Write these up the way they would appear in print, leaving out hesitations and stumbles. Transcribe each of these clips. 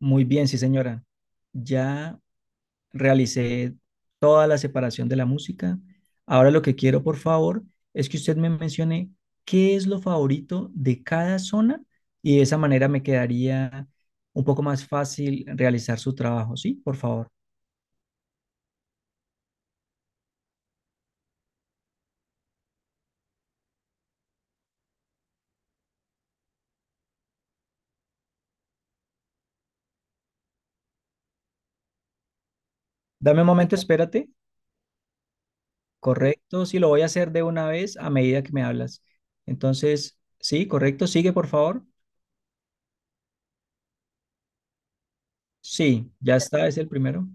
Muy bien, sí, señora. Ya realicé toda la separación de la música. Ahora lo que quiero, por favor, es que usted me mencione qué es lo favorito de cada zona y de esa manera me quedaría un poco más fácil realizar su trabajo, ¿sí? Por favor. Dame un momento, espérate. Correcto, sí, lo voy a hacer de una vez a medida que me hablas. Entonces, sí, correcto, sigue, por favor. Sí, ya está, es el primero.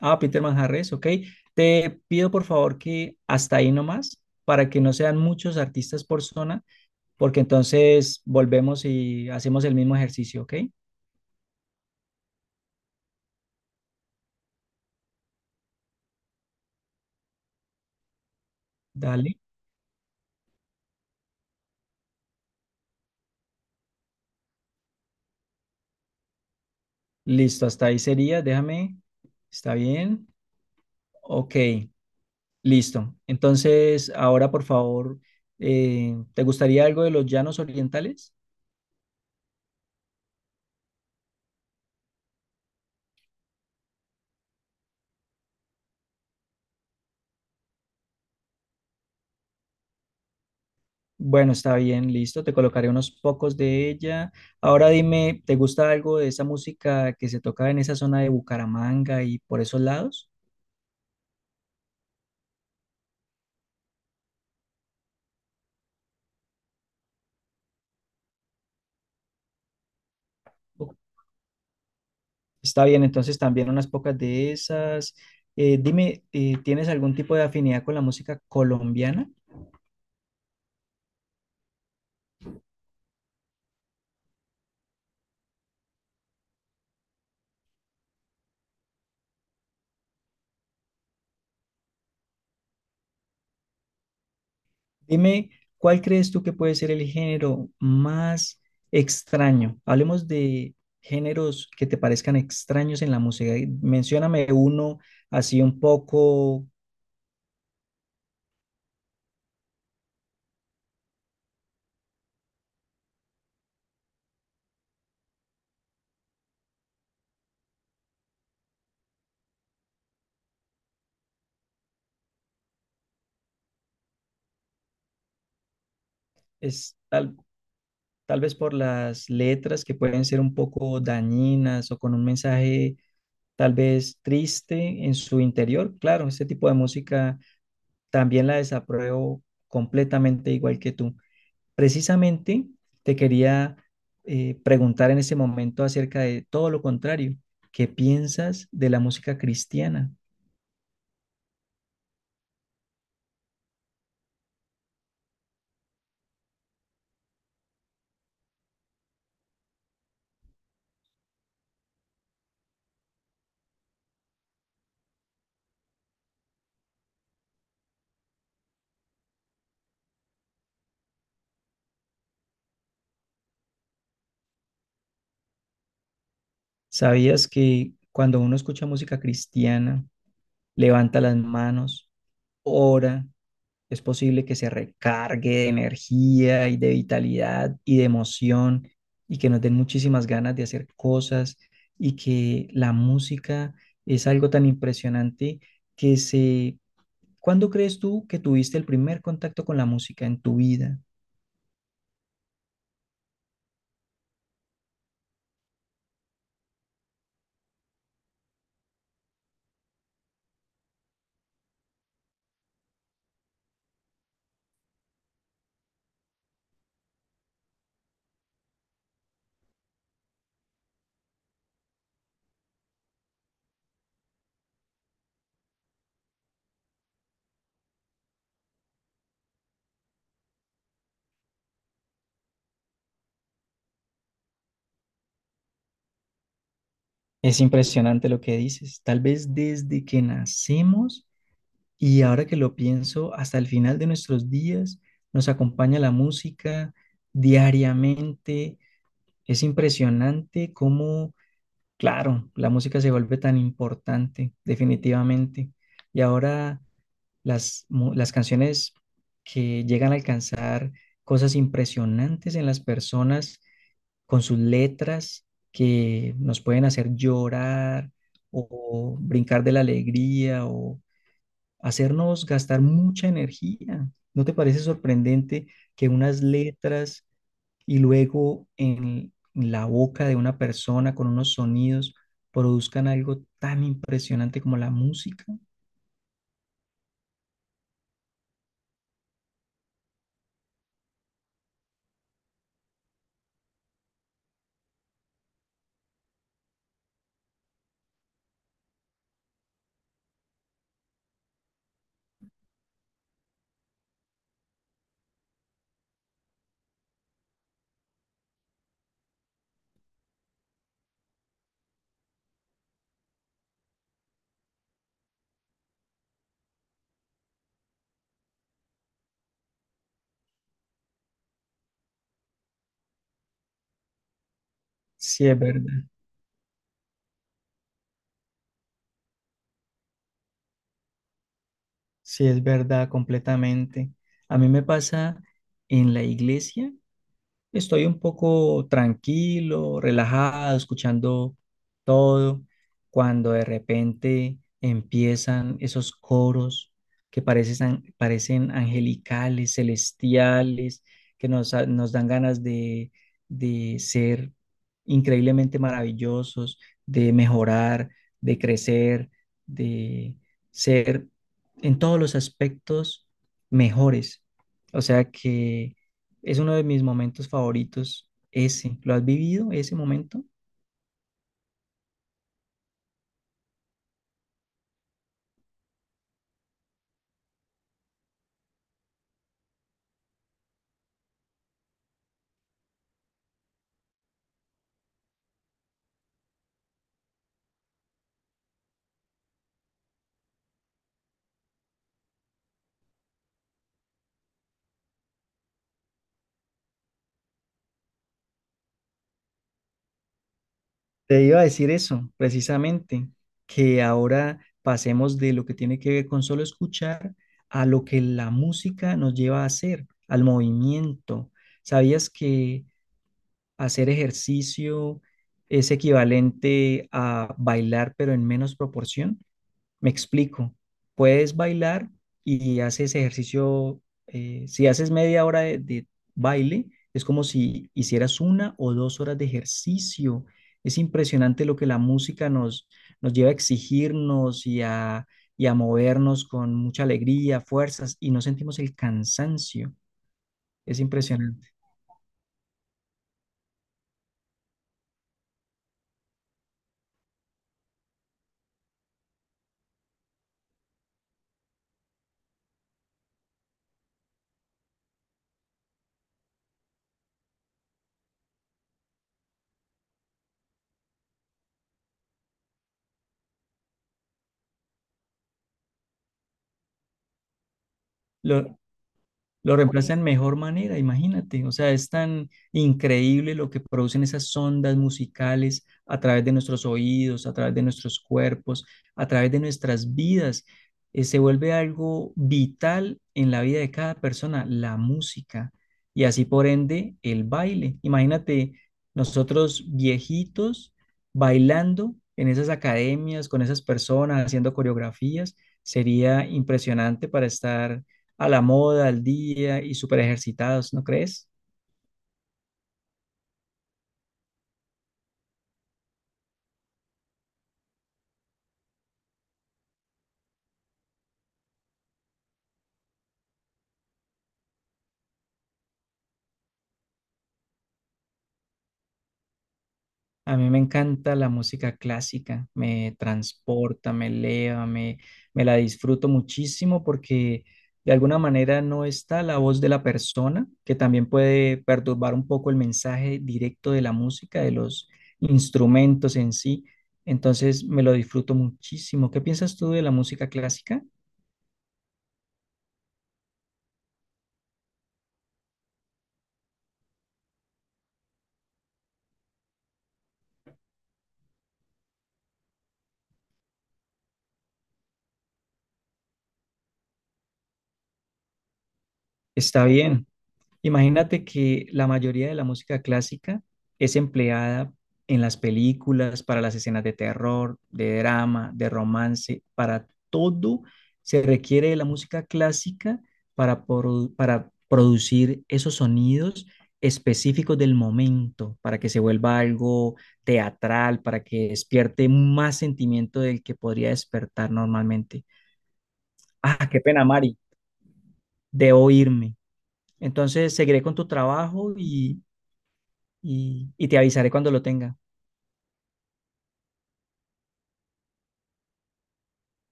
Ah, Peter Manjarres, ok. Te pido por favor que hasta ahí nomás, para que no sean muchos artistas por zona, porque entonces volvemos y hacemos el mismo ejercicio, ok. Dale, listo, hasta ahí sería, déjame, está bien, ok, listo. Entonces, ahora por favor, ¿te gustaría algo de los llanos orientales? Bueno, está bien, listo. Te colocaré unos pocos de ella. Ahora dime, ¿te gusta algo de esa música que se toca en esa zona de Bucaramanga y por esos lados? Ok, está bien, entonces también unas pocas de esas. Dime, ¿tienes algún tipo de afinidad con la música colombiana? Dime, ¿cuál crees tú que puede ser el género más extraño? Hablemos de géneros que te parezcan extraños en la música. Mencióname uno así un poco es- al- tal vez por las letras que pueden ser un poco dañinas o con un mensaje tal vez triste en su interior. Claro, este tipo de música también la desapruebo completamente igual que tú. Precisamente te quería preguntar en ese momento acerca de todo lo contrario. ¿Qué piensas de la música cristiana? ¿Sabías que cuando uno escucha música cristiana, levanta las manos, ora, es posible que se recargue de energía y de vitalidad y de emoción y que nos den muchísimas ganas de hacer cosas y que la música es algo tan impresionante que se... ¿Cuándo crees tú que tuviste el primer contacto con la música en tu vida? Es impresionante lo que dices. Tal vez desde que nacemos y ahora que lo pienso, hasta el final de nuestros días nos acompaña la música diariamente. Es impresionante cómo, claro, la música se vuelve tan importante, definitivamente. Y ahora las canciones que llegan a alcanzar cosas impresionantes en las personas con sus letras que nos pueden hacer llorar o brincar de la alegría o hacernos gastar mucha energía. ¿No te parece sorprendente que unas letras y luego en la boca de una persona con unos sonidos produzcan algo tan impresionante como la música? Sí, es verdad, sí, es verdad, completamente. A mí me pasa en la iglesia. Estoy un poco tranquilo, relajado, escuchando todo, cuando de repente empiezan esos coros que parecen angelicales, celestiales, que nos dan ganas de ser increíblemente maravillosos, de mejorar, de crecer, de ser en todos los aspectos mejores. O sea que es uno de mis momentos favoritos, ese. ¿Lo has vivido, ese momento? Te iba a decir eso, precisamente, que ahora pasemos de lo que tiene que ver con solo escuchar a lo que la música nos lleva a hacer, al movimiento. ¿Sabías que hacer ejercicio es equivalente a bailar, pero en menos proporción? Me explico. Puedes bailar y haces ejercicio. Si haces media hora de baile, es como si hicieras una o dos horas de ejercicio. Es impresionante lo que la música nos, nos lleva a exigirnos y a movernos con mucha alegría, fuerzas, y no sentimos el cansancio. Es impresionante. Lo- Lo reemplazan mejor manera, imagínate. O sea, es tan increíble lo que producen esas ondas musicales a través de nuestros oídos, a través de nuestros cuerpos, a través de nuestras vidas. Se vuelve algo vital en la vida de cada persona, la música. Y así por ende, el baile. Imagínate nosotros viejitos bailando en esas academias, con esas personas, haciendo coreografías. Sería impresionante para estar a la moda, al día y súper ejercitados, ¿no crees? A mí me encanta la música clásica, me transporta, me eleva, me la disfruto muchísimo porque de alguna manera no está la voz de la persona, que también puede perturbar un poco el mensaje directo de la música, de los instrumentos en sí. Entonces me lo disfruto muchísimo. ¿Qué piensas tú de la música clásica? Está bien. Imagínate que la mayoría de la música clásica es empleada en las películas, para las escenas de terror, de drama, de romance, para todo se requiere de la música clásica para, para producir esos sonidos específicos del momento, para que se vuelva algo teatral, para que despierte más sentimiento del que podría despertar normalmente. Ah, qué pena, Mari, debo irme. Entonces, seguiré con tu trabajo y y te avisaré cuando lo tenga.